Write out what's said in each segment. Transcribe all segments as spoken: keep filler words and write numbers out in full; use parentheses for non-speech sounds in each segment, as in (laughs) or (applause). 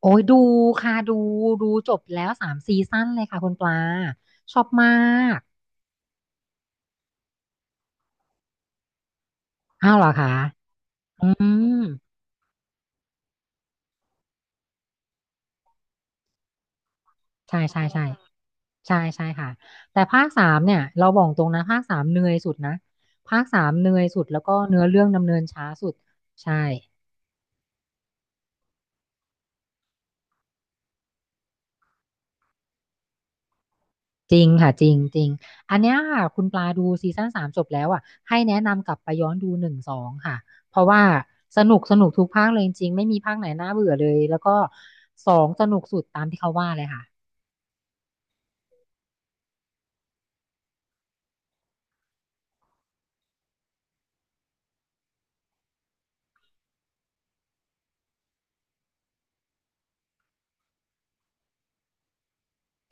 โอ้ยดูค่ะดูดูจบแล้วสามซีซั่นเลยค่ะคุณปลาชอบมากอ้าวเหรอคะอืมใช่ใช่ใช่ใช่ใช่ค่ะแต่ภาคสามเนี่ยเราบอกตรงนะภาคสามเหนื่อยสุดนะภาคสามเหนื่อยสุดแล้วก็เนื้อเรื่องดำเนินช้าสุดใช่ จริงค่ะจริงจริงอันเนี้ยค่ะคุณปลาดูซีซั่นสามจบแล้วอ่ะให้แนะนำกลับไปย้อนดูหนึ่งสองค่ะเพราะว่าสนุกสนุกทุกภาคเลยจริงๆไม่มีภาคไหนน่าเบื่อเลยแล้วก็สองสนุกสุดตามที่เขาว่าเลยค่ะ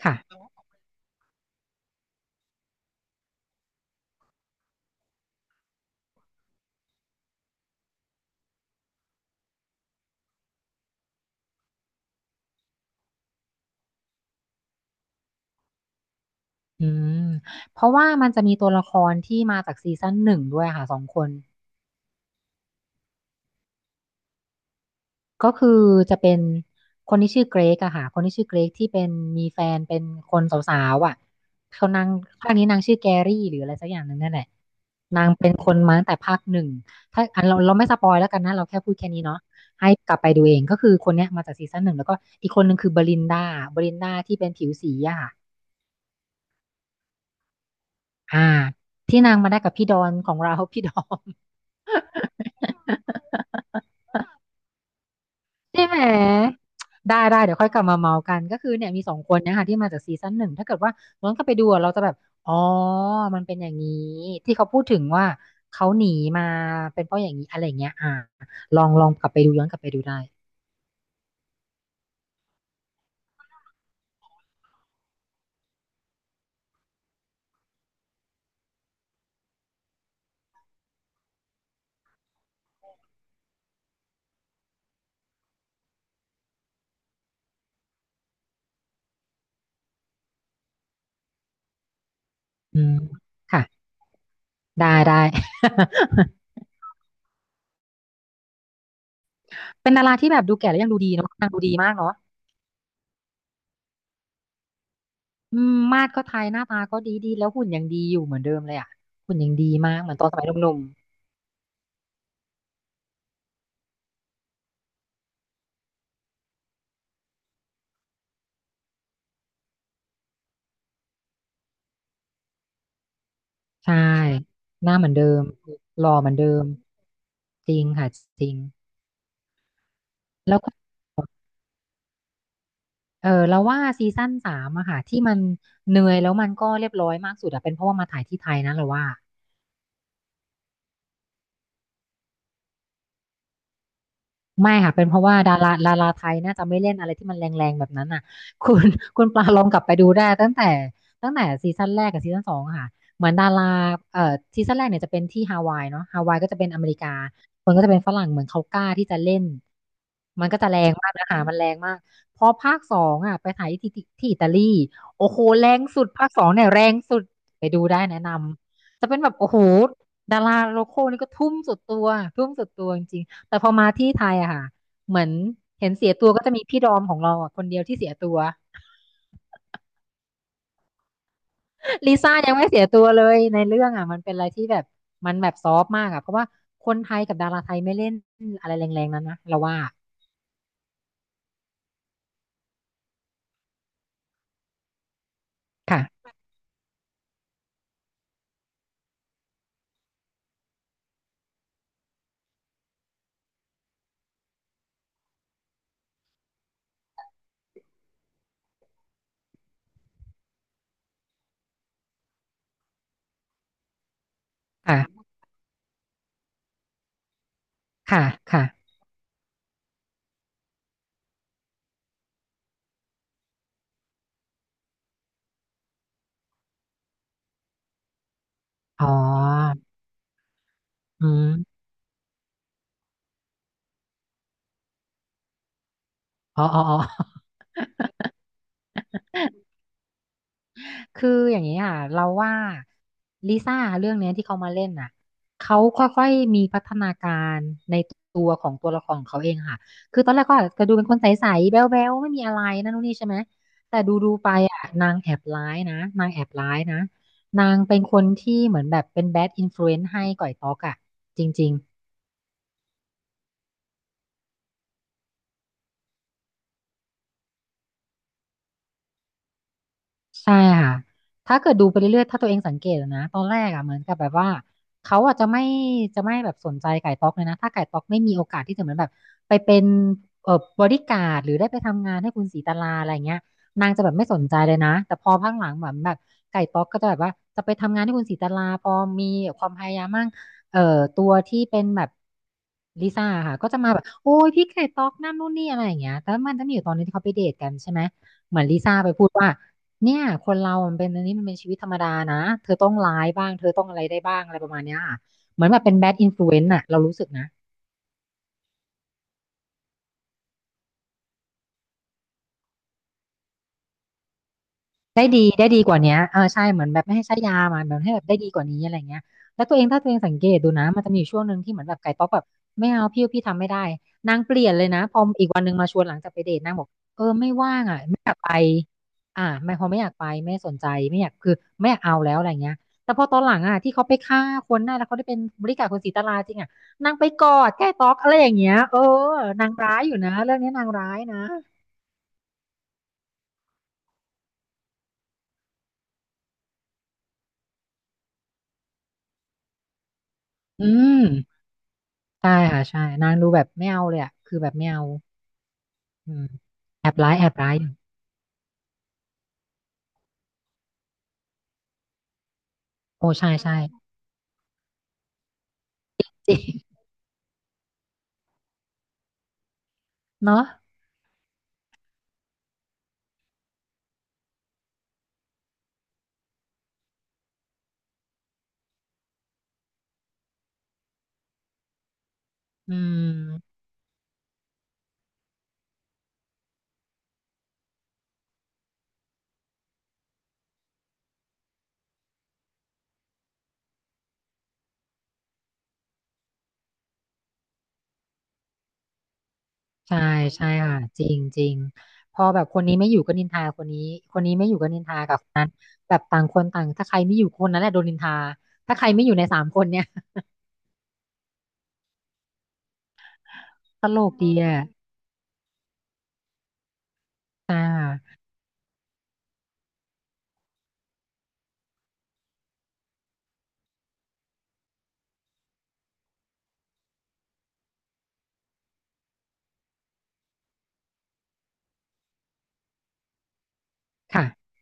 ค่ะอืมเพราะว่ามันจะมีตัวละครที่มาจากซีซั่นหนึ่งด้วยค่ะสองคนก็คือจะเป็นคนที่ชื่อเกรกอะค่ะคนที่ชื่อเกรกที่เป็นมีแฟนเป็นคนสาวๆอะเขานางภาคนี้นางชื่อแกรี่หรืออะไรสักอย่างหนึ่งนั่นแหละนาง ถ้าอันเราเราไม่สปอยแล้วกันนะเราแค่พูดแค่นี้เนาะให้กลับไปดูเองก็คือคนเนี้ยมาจากซีซั่นหนึ่งแล้วก็อีกคนหนึ่งคือบรินดาบรินดาที่เป็นผิวสีอะค่ะอ่าที่นางมาได้กับพี่ดอนของเรา (laughs) พี่ดอมใช่ไหมได้ได้เดี๋ยวค่อยกลับมาเมากันก็คือเนี่ยมีสองคนเนะคะที่มาจากซีซั่นหนึ่งถ้าเกิดว่าย้อนกลับไปดูอะเราจะแบบอ๋อมันเป็นอย่างนี้ที่เขาพูดถึงว่าเขาหนีมาเป็นเพราะอย่างนี้อะไร่เงี้ยอ่าลองลองกลับไปดูย้อนกลับไปดูได้ อืมค่ะได้ได้ (laughs) เป็นดาราที่แบบดูแก่แล้วยังดูดีเนาะนางดูดีมากเนาะอืมมาดก็ไทยหน้าตาก็ดีดีแล้วหุ่นยังดีอยู่เหมือนเดิมเลยอ่ะหุ่นยังดีมากเหมือนตอนสมัยหนุ่มๆใช่หน้าเหมือนเดิมหล่อเหมือนเดิมจริงค่ะจริงแล้วก็เออเราว่าซีซั่นสามอะค่ะที่มันเหนื่อยแล้วมันก็เรียบร้อยมากสุดอะเป็นเพราะว่ามาถ่ายที่ไทยนะเราว่า ไม่ค่ะเป็นเพราะว่าดาราดาราไทยน่าจะไม่เล่นอะไรที่มันแรงๆแบบนั้นน่ะ (laughs) คุณคุณปลาลองกลับไปดูได้ตั้งแต่ตั้งแต่ซีซั่นแรกกับซีซั่นสองอะค่ะเหมือนดาราเอ่อซีซั่นแรกเนี่ยจะเป็นที่ฮาวายเนาะฮาวายก็จะเป็นอเมริกามันก็จะเป็นฝรั่งเหมือนเขากล้าที่จะเล่นมันก็จะแรงมากนะคะมันแรงมากพอภาคสองอ่ะไปถ่ายที่ที่ที่อิตาลีโอ้โหแรงสุดภาคสองเนี่ยแรงสุดไปดูได้แนะนำจะเป็นแบบโอ้โหดาราโลคอลนี่ก็ทุ่มสุดตัวทุ่มสุดตัวจริงๆ แต่พอมาที่ไทยอะค่ะเหมือนเห็นเสียตัวก็จะมีพี่ดอมของเราอะคนเดียวที่เสียตัวลิซ่ายังไม่เสียตัวเลยในเรื่องอะมันเป็นอะไรที่แบบมันแบบซอฟต์มากอะเพราะว่าคนไทยกับดาราไทยไม่เล่นอะไรแรงๆนั้นนะเราว่าค่ะค่ะค่ะค่ะอ๋ออืมอ๋ออ๋ออ๋อ คืออย่างนี้ค่ะเราว่าลิซ่าเรื่องเนี้ยที่เขามาเล่นน่ะเขาค่อยๆมีพัฒนาการในตัวของตัวละครของเขาเองค่ะคือตอนแรกก็อาจจะดูเป็นคนใสๆแบ๊วๆไม่มีอะไรนั่นนู่นนี่ใช่ไหมแต่ดูๆไปอ่ะนางแอบร้ายนะนางแอบร้ายนะนางเป็นคนที่เหมือนแบบเป็นแบดอินฟลูเอนซ์ให้ก่อยต๊อกอ่ะจริงๆ ใช่ค่ะ ถ้าเกิดดูไปเรื่อยๆถ้าตัวเองสังเกตอะนะตอนแรกอ่ะเหมือนกับแบบว่าเขาอาจจะไม่จะไม่แบบสนใจไก่ต๊อกเลยนะถ้าไก่ต๊อกไม่มีโอกาสที่จะเหมือนแบบไปเป็นเอ่อบริการดหรือได้ไปทำงานให้คุณศรีตลาอะไรเงี้ยนางจะแบบไม่สนใจเลยนะแต่พอพักหลังเหมือนแบบไก่ต๊อกก็จะแบบว่าจะไปทำงานให้คุณศรีตลาพอมีความพยายามมั่งเอ่อตัวที่เป็นแบบลิซ่าค่ะก็จะมาแบบโอ้ยพี่ไก่ต๊อกนั่นนู่นนี่อะไรอย่างเงี้ยแต่มันจะมีอยู่ตอนนึงที่เขาไปเดทกันใช่ไหมเหมือนลิซ่าไปพูดว่า เนี่ยคนเรามันเป็นอันนี้มันเป็นชีวิตธรรมดานะ เธอต้องร้ายบ้าง เธอต้องอะไรได้บ้าง อะไรประมาณเนี้ยค่ะเหมือนแบบเป็นแบดอินฟลูเอนซ์อะเรารู้สึกนะ ได้ดีได้ดีกว่าเนี้ยเออใช่เหมือนแบบไม่ให้ใช้ยามาแบบให้แบบได้ดีกว่านี้อะไรเงี้ยแล้วตัวเองถ้าตัวเองสังเกตดูนะมันจะมีอยู่ช่วงหนึ่งที่เหมือนแบบไก่ป๊อกแบบไม่เอาพี่พี่ทำไม่ได้นางเปลี่ยนเลยนะพออีกวันหนึ่งมาชวนหลังจากไปเดทนางบอกเออไม่ว่างอ่ะไม่อยากไปอ่าไม่พอไม่อยากไปไม่สนใจไม่อยากคือไม่อยากเอาแล้วอะไรเงี้ยแต่พอตอนหลังอ่ะที่เขาไปฆ่าคนได้แล้วเขาได้เป็นบริการคนศรีตลาจริงอ่ะนางไปกอดแก้ต๊อกอะไรอย่างเงี้ยเออนางร้ายอยู่นะเรื่องนี้นางร้ายนะอืม ใช่ค่ะใช่นางดูแบบไม่เอาเลยอะคือแบบไม่เอาอืมแอบร้ายแอบร้ายอยู่โอ้ใช่ใช่จริงเนาะอืมใช่ใช่ค่ะจริงจริงพอแบบคนนี้ไม่อยู่ก็นินทาคนนี้คนนี้ไม่อยู่ก็นินทากับคนนั้นแบบต่างคนต่างถ้าใครไม่อยู่คนนั้นแหละโดนนินทาถ้าใครไม่อยู่ในสามคนเนี่ยตลกดีอ่ะใช่ค่ะค่ะ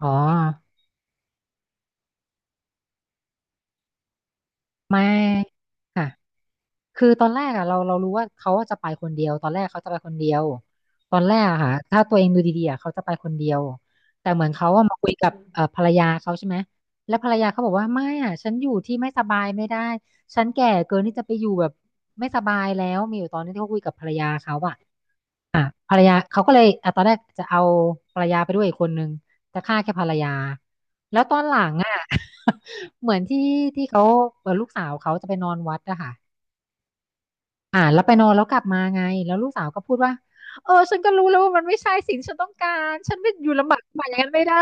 อ๋อไม่ค่ะ คือตอนแรกอะเราเรารู้ว่าเขาจะไปคนเดียวตอนแรกเขาจะไปคนเดียวตอนแรกอะค่ะถ้าตัวเองดูดีๆอะเขาจะไปคนเดียวแต่เหมือนเขาอะมาคุยกับเอ่อภรรยาเขาใช่ไหมแล้วภรรยาเขาบอกว่าไม่อะฉันอยู่ที่ไม่สบายไม่ได้ฉันแก่เกินที่จะไปอยู่แบบไม่สบายแล้วมีอยู่ตอนนี้ที่เขาคุยกับภรรยาเขาอะอ่ะภรรยาเขาก็เลยอ่ะตอนแรกจะเอาภรรยาไปด้วยอีกคนนึงจะฆ่าแค่ภรรยาแล้วตอนหลังอะ (laughs) เหมือนที่ที่เขาเอ่อลูกสาวเขาจะไปนอนวัดอะค่ะ อ่าแล้วไปนอนแล้วกลับมาไงแล้วลูกสาวก็พูดว่าเออฉันก็รู้แล้วว่ามันไม่ใช่สิ่งที่ฉันต้องการฉันไม่อยู่ลำบากมากอย่างนั้นไม่ได้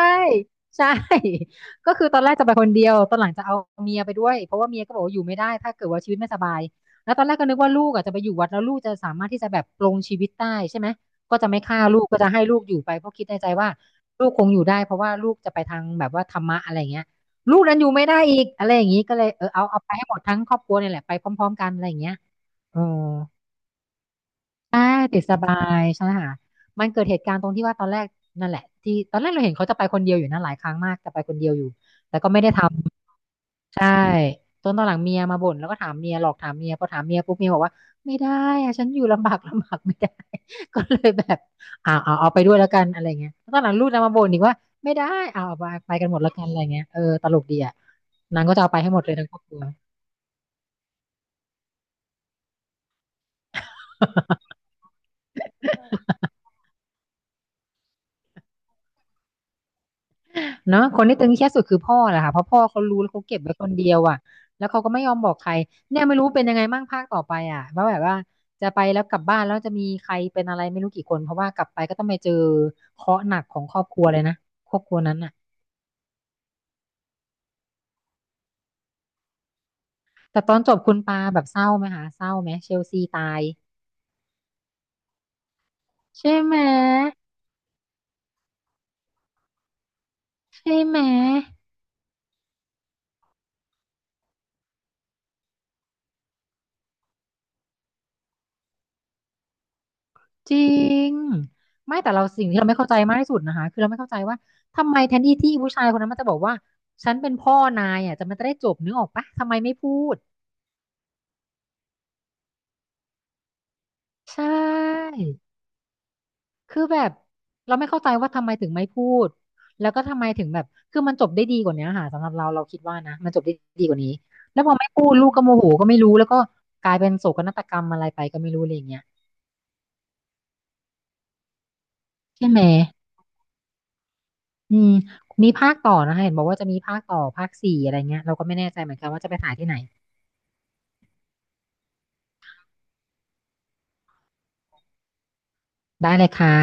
ใช่ (laughs) ก็คือตอนแรกจะไปคนเดียวตอนหลังจะเอาเมียไปด้วยเพราะว่าเมียก็บอกว่าอยู่ไม่ได้ถ้าเกิดว่าชีวิตไม่สบายแล้วตอนแรกก็นึกว่าลูกอ่ะจะไปอยู่วัดแล้วลูกจะสามารถที่จะแบบปลงชีวิตได้ใช่ไหมก็จะไม่ฆ่าลูกก็จะให้ลูกอยู่ไปเพราะคิดในใจว่าลูกคงอยู่ได้เพราะว่าลูกจะไปทางแบบว่าธรรมะอะไรอย่างเงี้ยลูกนั้นอยู่ไม่ได้อีกอะไรอย่างงี้ก็เลยเออเอาเอาไปให้หมดทั้งครอบครัวเนี่ยแหละไปพร้อมๆกันอะไรอย่างเงี้ยอ๋อ อ่าติดสบายใช่ไหมคะมันเกิดเหตุการณ์ตรงที่ว่าตอนแรกนั่นแหละที่ตอนแรกเราเห็นเขาจะไปคนเดียวอยู่นะหลายครั้งมากจะไปคนเดียวอยู่แต่ก็ไม่ได้ทำใช่จนตอนหลังเมียมาบ่นแล้วก็ถามเมียหลอกถามเมียพอถามเมียปุ๊บเมียบอกว่าไม่ได้อะฉันอยู่ลำบาก (laughs) ลำบากไม่ได้ (laughs) ก็เลยแบบอ่าเอาเอาไปด้วยแล้วกันอะไรเงี้ยแล้วตอนหลังลูกนะมาบ่นอีกว่าไม่ได้เอาเอาไปไปกันหมดแล้วกันอะไรเงี้ยเออตลกดีอ่ะนางก็จะเอาไปให้หมดเลยทั้งครอบครัว เนาะคนที่ตึงเครียดสุดคือพ่อแหละค่ะเพราะพ่อเขารู้แล้วเขาเก็บไว้คนเดียวอ่ะแล้วเขาก็ไม่ยอมบอกใครเนี่ยไม่รู้เป็นยังไงมั่งภาคต่อไปอ่ะว่าแบบว่าจะไปแล้วกลับบ้านแล้วจะมีใครเป็นอะไรไม่รู้กี่คนเพราะว่ากลับไปก็ต้องไปเจอเคราะห์หนักของครอบครัวเลยนะครอบครัวนั้นอ่ะแต่ตอนจบคุณปาแบบเศร้าไหมคะเศร้าไหมเชลซีตายใช่ไหมใช่ไหม จริงไม่แต่เราสิ่งที่เราไม่เข้าใจมากที่สุดนะคะคือเราไม่เข้าใจว่าทำไมแทนที่ที่ผู้ชายคนนั้นมันจะบอกว่าฉันเป็นพ่อนายอ่ะจะมันจะได้จบนึกออกปะทำไมไม่พูดใช่คือแบบเราไม่เข้าใจว่าทำไมถึงไม่พูดแล้วก็ทำไมถึงแบบคือมันจบได้ดีกว่านี้ค่ะสำหรับเราเราคิดว่านะมันจบได้ดีกว่านี้แล้วพอไม่พูดลูกก็โมโหก็ไม่รู้แล้วก็กลายเป็นโศกนาฏกรรมอะไรไปก็ไม่รู้อะไรอย่างเงี้ยใช่ไหม อืมมีภาคต่อนะคะเห็นบอกว่าจะมีภาคต่อภาคสี่อะไรเงี้ยเราก็ไม่แน่ใจเหมือนกันว่าจะไปถ่ายที่ไหนได้เลยค่ะ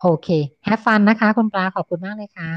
โอเค have fun นะคะคุณปลาขอบคุณมากเลยค่ะ